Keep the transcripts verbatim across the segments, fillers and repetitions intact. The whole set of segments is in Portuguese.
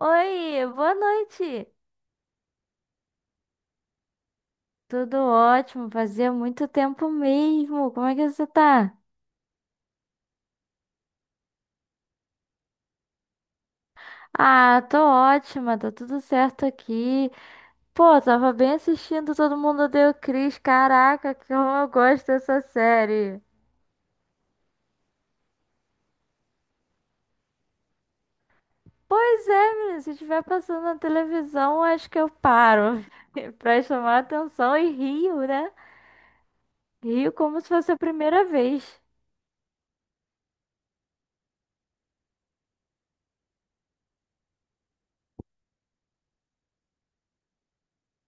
Oi, boa noite. Tudo ótimo, fazia muito tempo mesmo. Como é que você tá? Ah, tô ótima, tá tudo certo aqui. Pô, tava bem assistindo Todo Mundo Odeia o Chris. Caraca, que eu gosto dessa série. Pois é, menino, se estiver passando na televisão, acho que eu paro pra chamar atenção e rio, né? Rio como se fosse a primeira vez.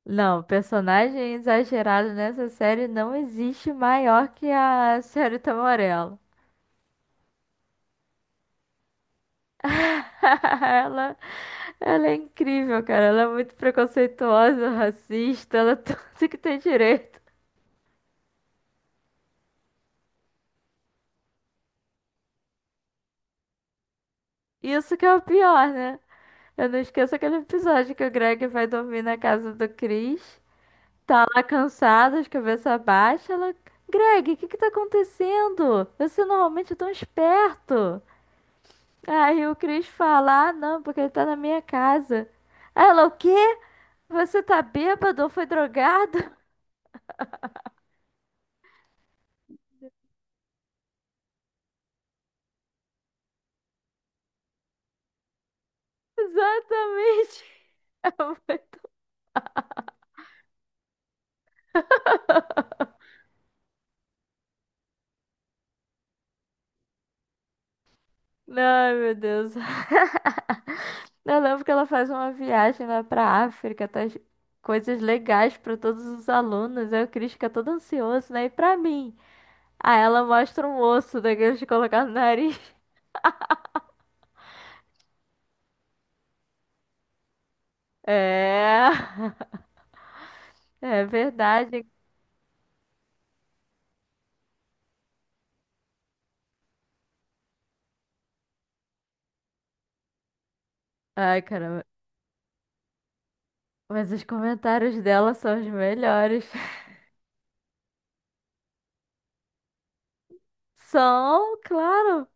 Não, personagem exagerado nessa série não existe maior que a Senhorita Morella. Ela, ela é incrível, cara. Ela é muito preconceituosa, racista, ela é tudo que tem direito. Isso que é o pior, né? Eu não esqueço aquele episódio que o Greg vai dormir na casa do Chris. Tá lá cansado, de cabeça baixa. Ela, Greg, o que que tá acontecendo? Você normalmente é tão esperto. Aí o Chris fala, ah, não, porque ele tá na minha casa. Ela, o quê? Você tá bêbado ou foi drogado? Exatamente. Ela foi tão- Não, ai, meu Deus. Eu lembro que ela faz uma viagem lá pra África, traz coisas legais pra todos os alunos. Aí o Chris fica todo ansioso, né? E pra mim? Aí ela mostra um osso daqueles de colocar no nariz. É, é verdade. Ai, caramba. Mas os comentários dela são os melhores. São, claro.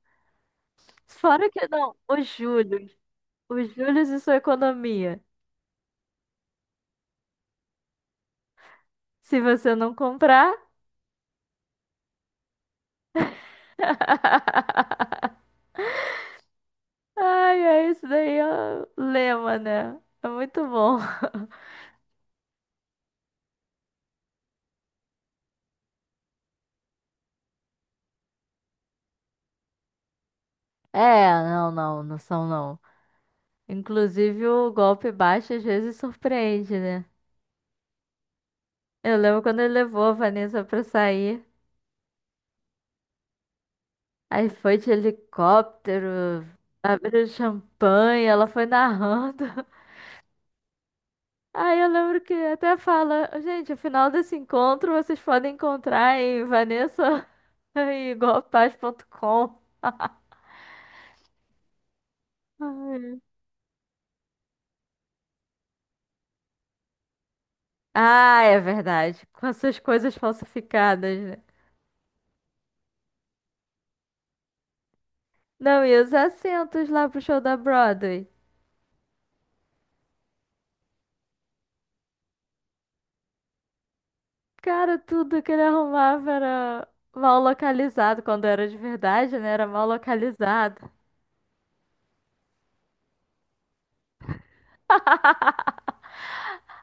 Fora que não, os juros. Os juros e sua economia. Se você não comprar. Ai, ai, isso daí é o lema, né? É muito bom. É, não, não, não são não. Inclusive o golpe baixo às vezes surpreende, né? Eu lembro quando ele levou a Vanessa pra sair. Aí foi de helicóptero, abriu champanhe, ela foi narrando. Aí eu lembro que até fala, gente, afinal desse encontro vocês podem encontrar em vanessa e golpaz ponto com. Ai. Ah, é verdade. Com essas coisas falsificadas, né? Não, e os assentos lá pro show da Broadway? Cara, tudo que ele arrumava era mal localizado. Quando era de verdade, né? Era mal localizado.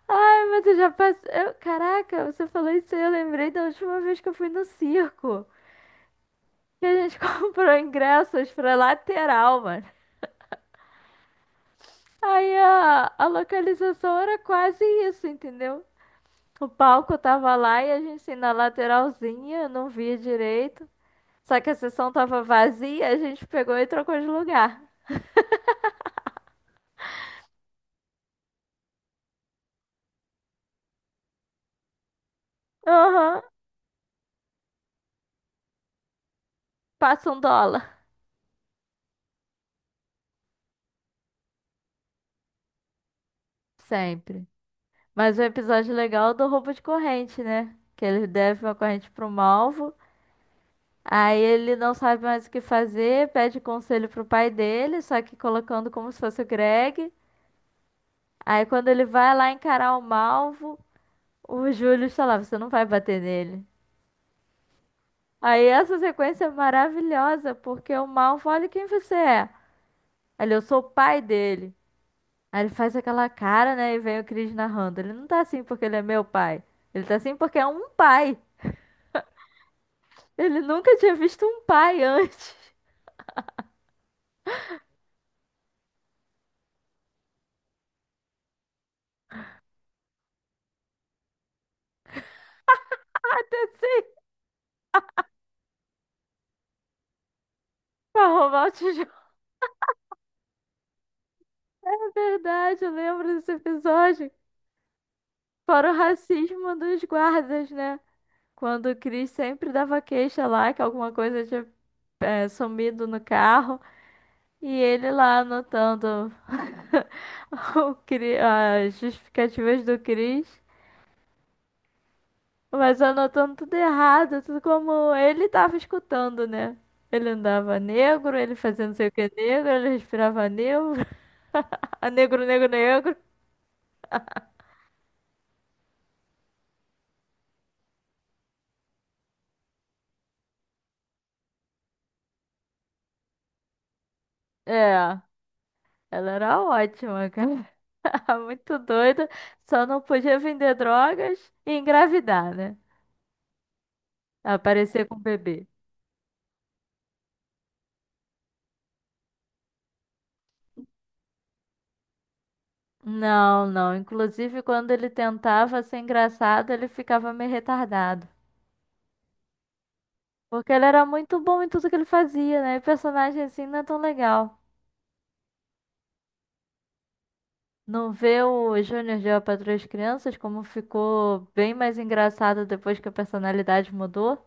Ai, mas eu já passei. eu- Caraca, você falou isso aí. Eu lembrei da última vez que eu fui no circo, que a gente comprou ingressos pra lateral, mano. Aí a, a localização era quase isso, entendeu? O palco tava lá e a gente assim, na lateralzinha, não via direito. Só que a sessão tava vazia, a gente pegou e trocou de lugar. Aham, passa um dólar. Sempre. Mas o episódio legal é do roubo de corrente, né? Que ele deve uma corrente para um alvo. Aí ele não sabe mais o que fazer, pede conselho pro pai dele, só que colocando como se fosse o Greg. Aí quando ele vai lá encarar o Malvo, o Júlio está você não vai bater nele. Aí essa sequência é maravilhosa, porque o Malvo, olha quem você é. Ele, eu sou o pai dele. Aí ele faz aquela cara, né, e vem o Chris narrando. Ele não tá assim porque ele é meu pai. Ele tá assim porque é um pai. Ele nunca tinha visto um pai antes. Pra roubar o tijolo. É verdade, eu lembro desse episódio. Fora o racismo dos guardas, né? Quando o Chris sempre dava queixa lá que alguma coisa tinha é, sumido no carro e ele lá anotando o Cri- as justificativas do Chris, mas anotando tudo errado, tudo como ele tava escutando, né? Ele andava negro, ele fazia não sei o que negro, ele respirava negro, a negro, negro, negro. É, ela era ótima, cara. Muito doida, só não podia vender drogas e engravidar, né? Aparecer com um bebê. Não, não. Inclusive, quando ele tentava ser engraçado, ele ficava meio retardado. Porque ele era muito bom em tudo que ele fazia, né? E personagem assim não é tão legal. Não vê o Júnior de A Patroa e as Crianças como ficou bem mais engraçado depois que a personalidade mudou.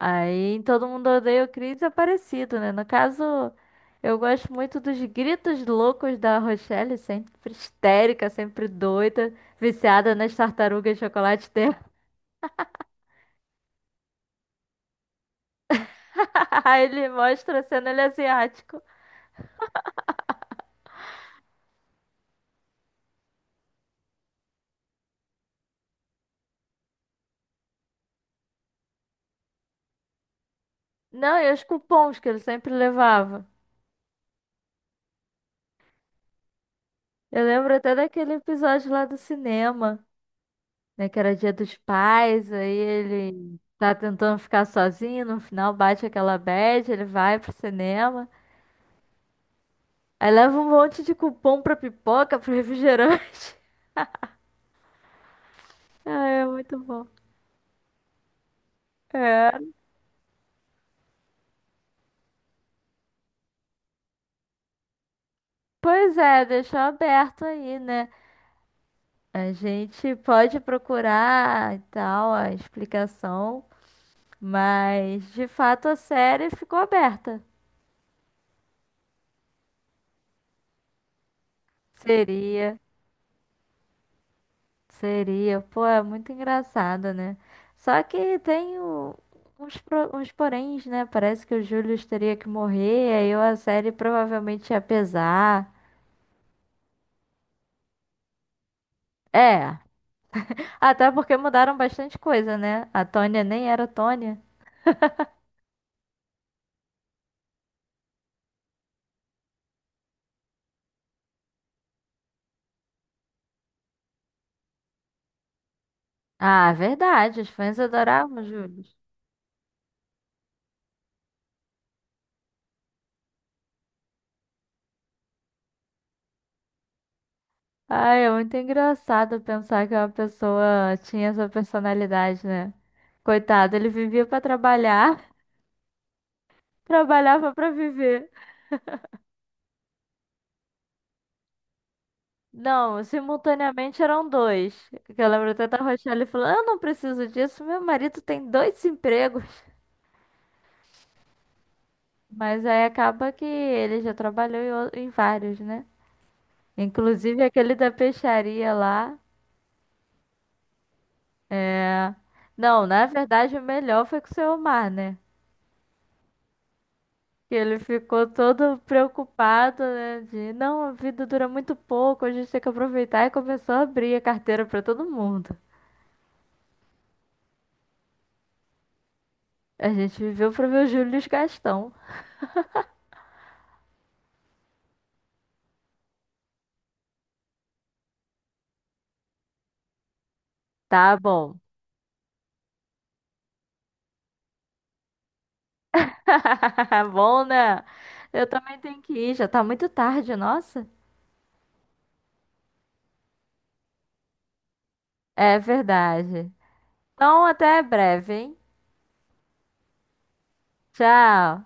Aí em todo mundo odeia o Chris é parecido, né? No caso, eu gosto muito dos gritos loucos da Rochelle, sempre histérica, sempre doida, viciada nas tartarugas de chocolate. Ele mostra sendo ele é asiático. Não, e os cupons que ele sempre levava. Eu lembro até daquele episódio lá do cinema, né? Que era Dia dos Pais, aí ele tá tentando ficar sozinho, no final bate aquela bad, ele vai pro cinema. Aí leva um monte de cupom pra pipoca, pro refrigerante. Ah, é muito bom. É. Pois é, deixou aberto aí, né? A gente pode procurar e tal a explicação. Mas, de fato, a série ficou aberta. Seria, seria. Pô, é muito engraçado, né? Só que tem o- uns, pro- uns poréns, né? Parece que o Julius teria que morrer, aí a série provavelmente ia pesar. É, até porque mudaram bastante coisa, né? A Tônia nem era Tônia. Ah, verdade, os fãs adoravam o Julius. Ai, é muito engraçado pensar que uma pessoa tinha essa personalidade, né? Coitado, ele vivia pra trabalhar, trabalhava pra viver. Não, simultaneamente eram dois. Que eu lembro até da Rochelle falando: eu não preciso disso, meu marido tem dois empregos. Mas aí acaba que ele já trabalhou em o- em vários, né? Inclusive aquele da peixaria lá. Não, na verdade o melhor foi com o seu Omar, né? Que ele ficou todo preocupado, né? De não, a vida dura muito pouco, a gente tem que aproveitar e começou a abrir a carteira pra todo mundo. A gente viveu pra ver o Júlio Gastão. Tá bom. Bom, né? Eu também tenho que ir, já tá muito tarde, nossa. É verdade. Então, até breve, hein? Tchau.